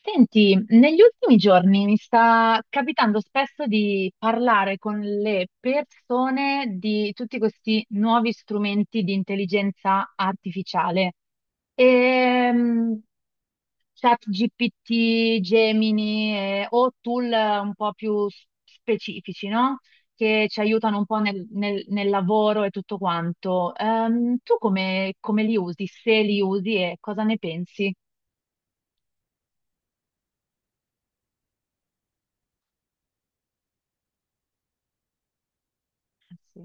Senti, negli ultimi giorni mi sta capitando spesso di parlare con le persone di tutti questi nuovi strumenti di intelligenza artificiale. Ehm, ChatGPT, Gemini, o tool un po' più specifici, no? Che ci aiutano un po' nel lavoro e tutto quanto. Tu come li usi? Se li usi e cosa ne pensi? Sì.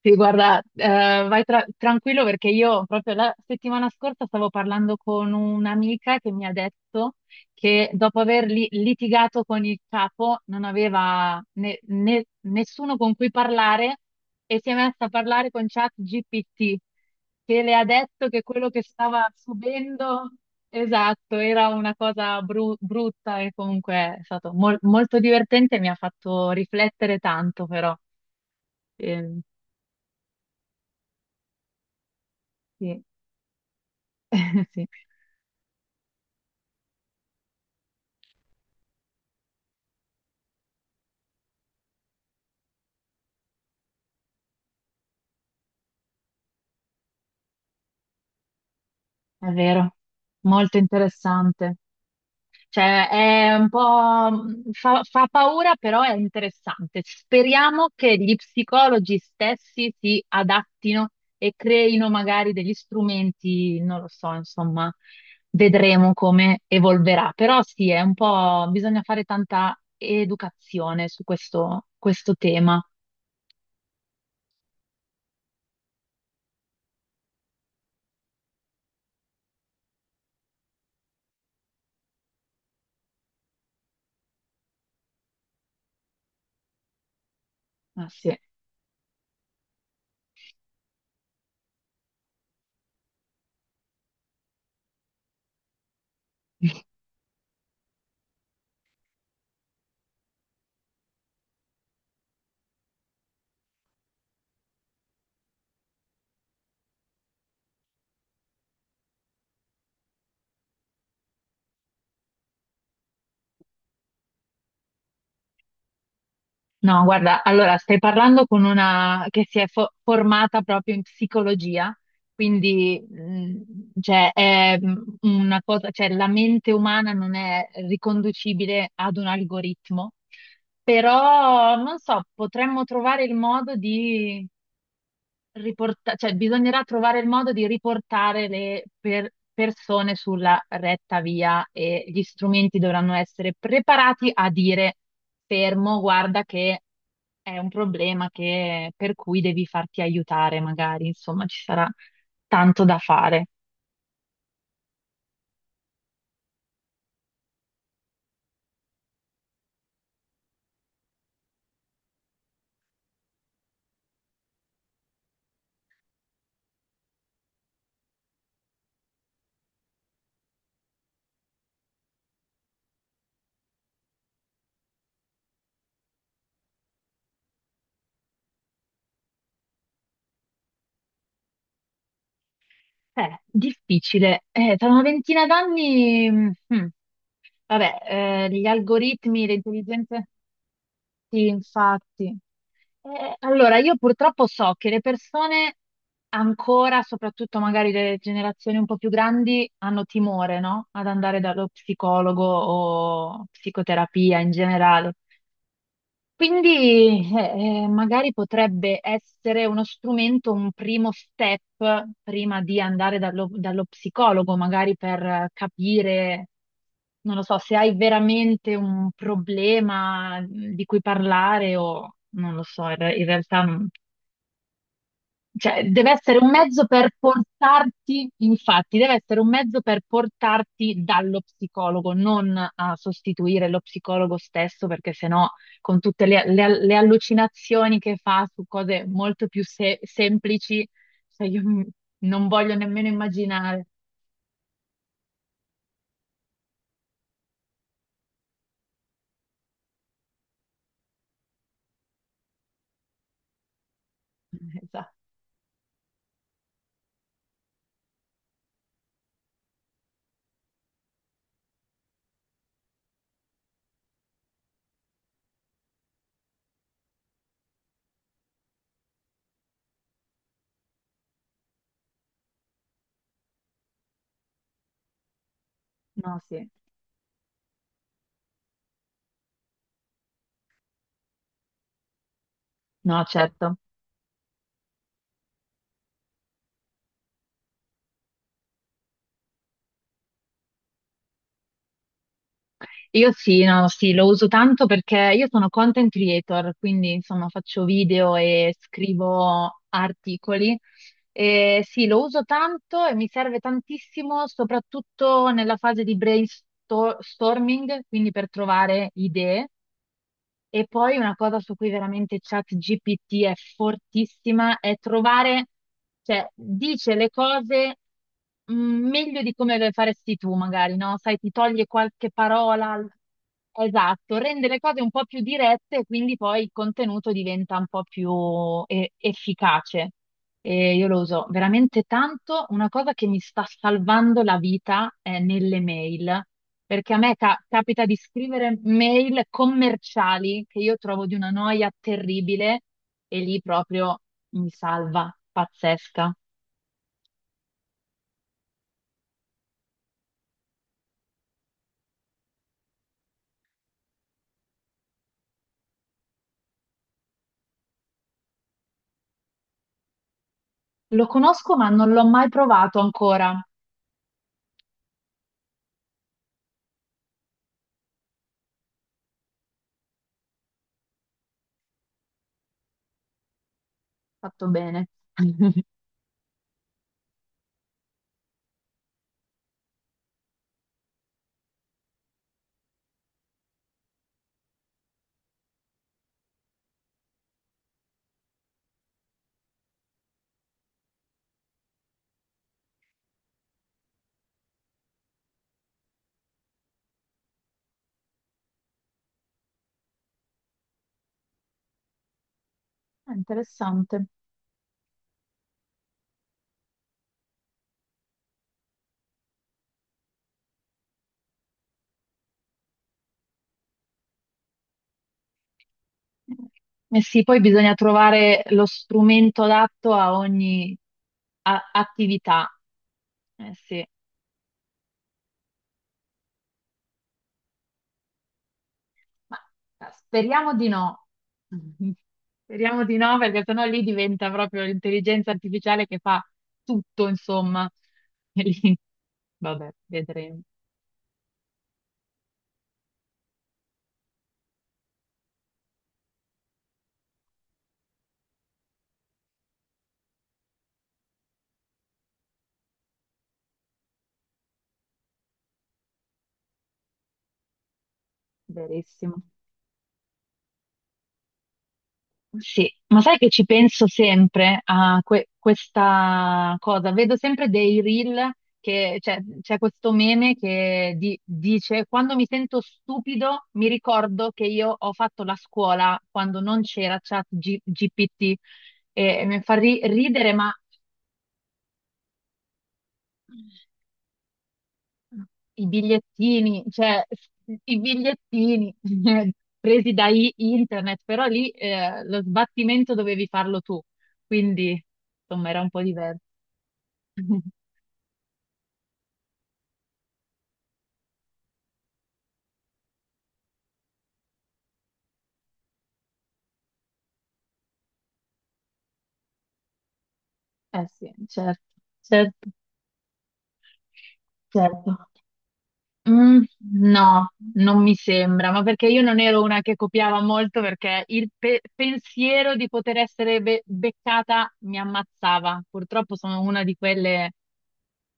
Sì, guarda, vai tranquillo perché io proprio la settimana scorsa stavo parlando con un'amica che mi ha detto che dopo aver litigato con il capo non aveva nessuno con cui parlare e si è messa a parlare con ChatGPT che le ha detto che quello che stava subendo, esatto, era una cosa brutta e comunque è stato molto divertente e mi ha fatto riflettere tanto però. Ehm, sì. Sì, è vero, molto interessante. Cioè, è un po' fa paura, però è interessante. Speriamo che gli psicologi stessi si adattino e creino magari degli strumenti, non lo so, insomma, vedremo come evolverà. Però sì, è un po', bisogna fare tanta educazione su questo, questo tema. Ah, sì. No, guarda, allora stai parlando con una che si è formata proprio in psicologia, quindi cioè, è una cosa, cioè, la mente umana non è riconducibile ad un algoritmo, però non so, potremmo trovare il modo di cioè, bisognerà trovare il modo di riportare le persone sulla retta via e gli strumenti dovranno essere preparati a dire fermo, guarda che è un problema per cui devi farti aiutare, magari, insomma, ci sarà tanto da fare. Difficile. Tra una ventina d'anni, vabbè, gli algoritmi, le intelligenze, sì, infatti. Allora, io purtroppo so che le persone ancora, soprattutto magari le generazioni un po' più grandi, hanno timore, no? Ad andare dallo psicologo o psicoterapia in generale. Quindi magari potrebbe essere uno strumento, un primo step prima di andare dallo psicologo, magari per capire, non lo so, se hai veramente un problema di cui parlare o non lo so, in in realtà cioè, deve essere un mezzo per portarti, infatti, deve essere un mezzo per portarti dallo psicologo, non a sostituire lo psicologo stesso, perché sennò con tutte le allucinazioni che fa su cose molto più semplici, cioè, io non voglio nemmeno immaginare. Esatto. No, sì. No, certo. Io sì, no, sì, lo uso tanto perché io sono content creator, quindi insomma faccio video e scrivo articoli. E sì, lo uso tanto e mi serve tantissimo, soprattutto nella fase di brainstorming, quindi per trovare idee. E poi una cosa su cui veramente ChatGPT è fortissima è trovare, cioè dice le cose meglio di come le faresti tu, magari, no? Sai, ti toglie qualche parola. Esatto, rende le cose un po' più dirette e quindi poi il contenuto diventa un po' più efficace. E io lo uso veramente tanto. Una cosa che mi sta salvando la vita è nelle mail, perché a me capita di scrivere mail commerciali che io trovo di una noia terribile e lì proprio mi salva, pazzesca. Lo conosco, ma non l'ho mai provato ancora. Fatto bene. È interessante. Eh sì, poi bisogna trovare lo strumento adatto a ogni attività. Eh sì. Ma speriamo di no. Speriamo di no, perché sennò lì diventa proprio l'intelligenza artificiale che fa tutto, insomma. E lì, vabbè, vedremo, verissimo. Sì, ma sai che ci penso sempre a questa cosa? Vedo sempre dei reel che cioè, c'è questo meme che dice: Quando mi sento stupido, mi ricordo che io ho fatto la scuola quando non c'era Chat GPT e mi fa ridere, ma. I bigliettini, cioè i bigliettini presi da internet, però lì lo sbattimento dovevi farlo tu, quindi insomma era un po' diverso. Eh sì, certo, certo, certo. Mm, no, non mi sembra, ma perché io non ero una che copiava molto perché il pensiero di poter essere beccata mi ammazzava. Purtroppo sono una di quelle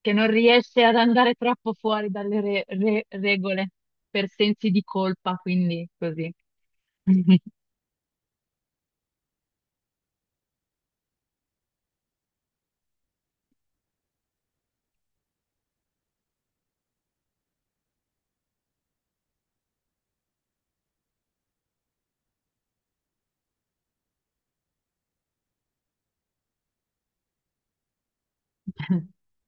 che non riesce ad andare troppo fuori dalle regole per sensi di colpa, quindi così.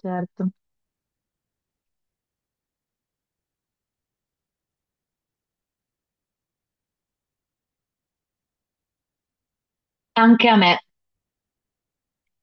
Certo, anche a me.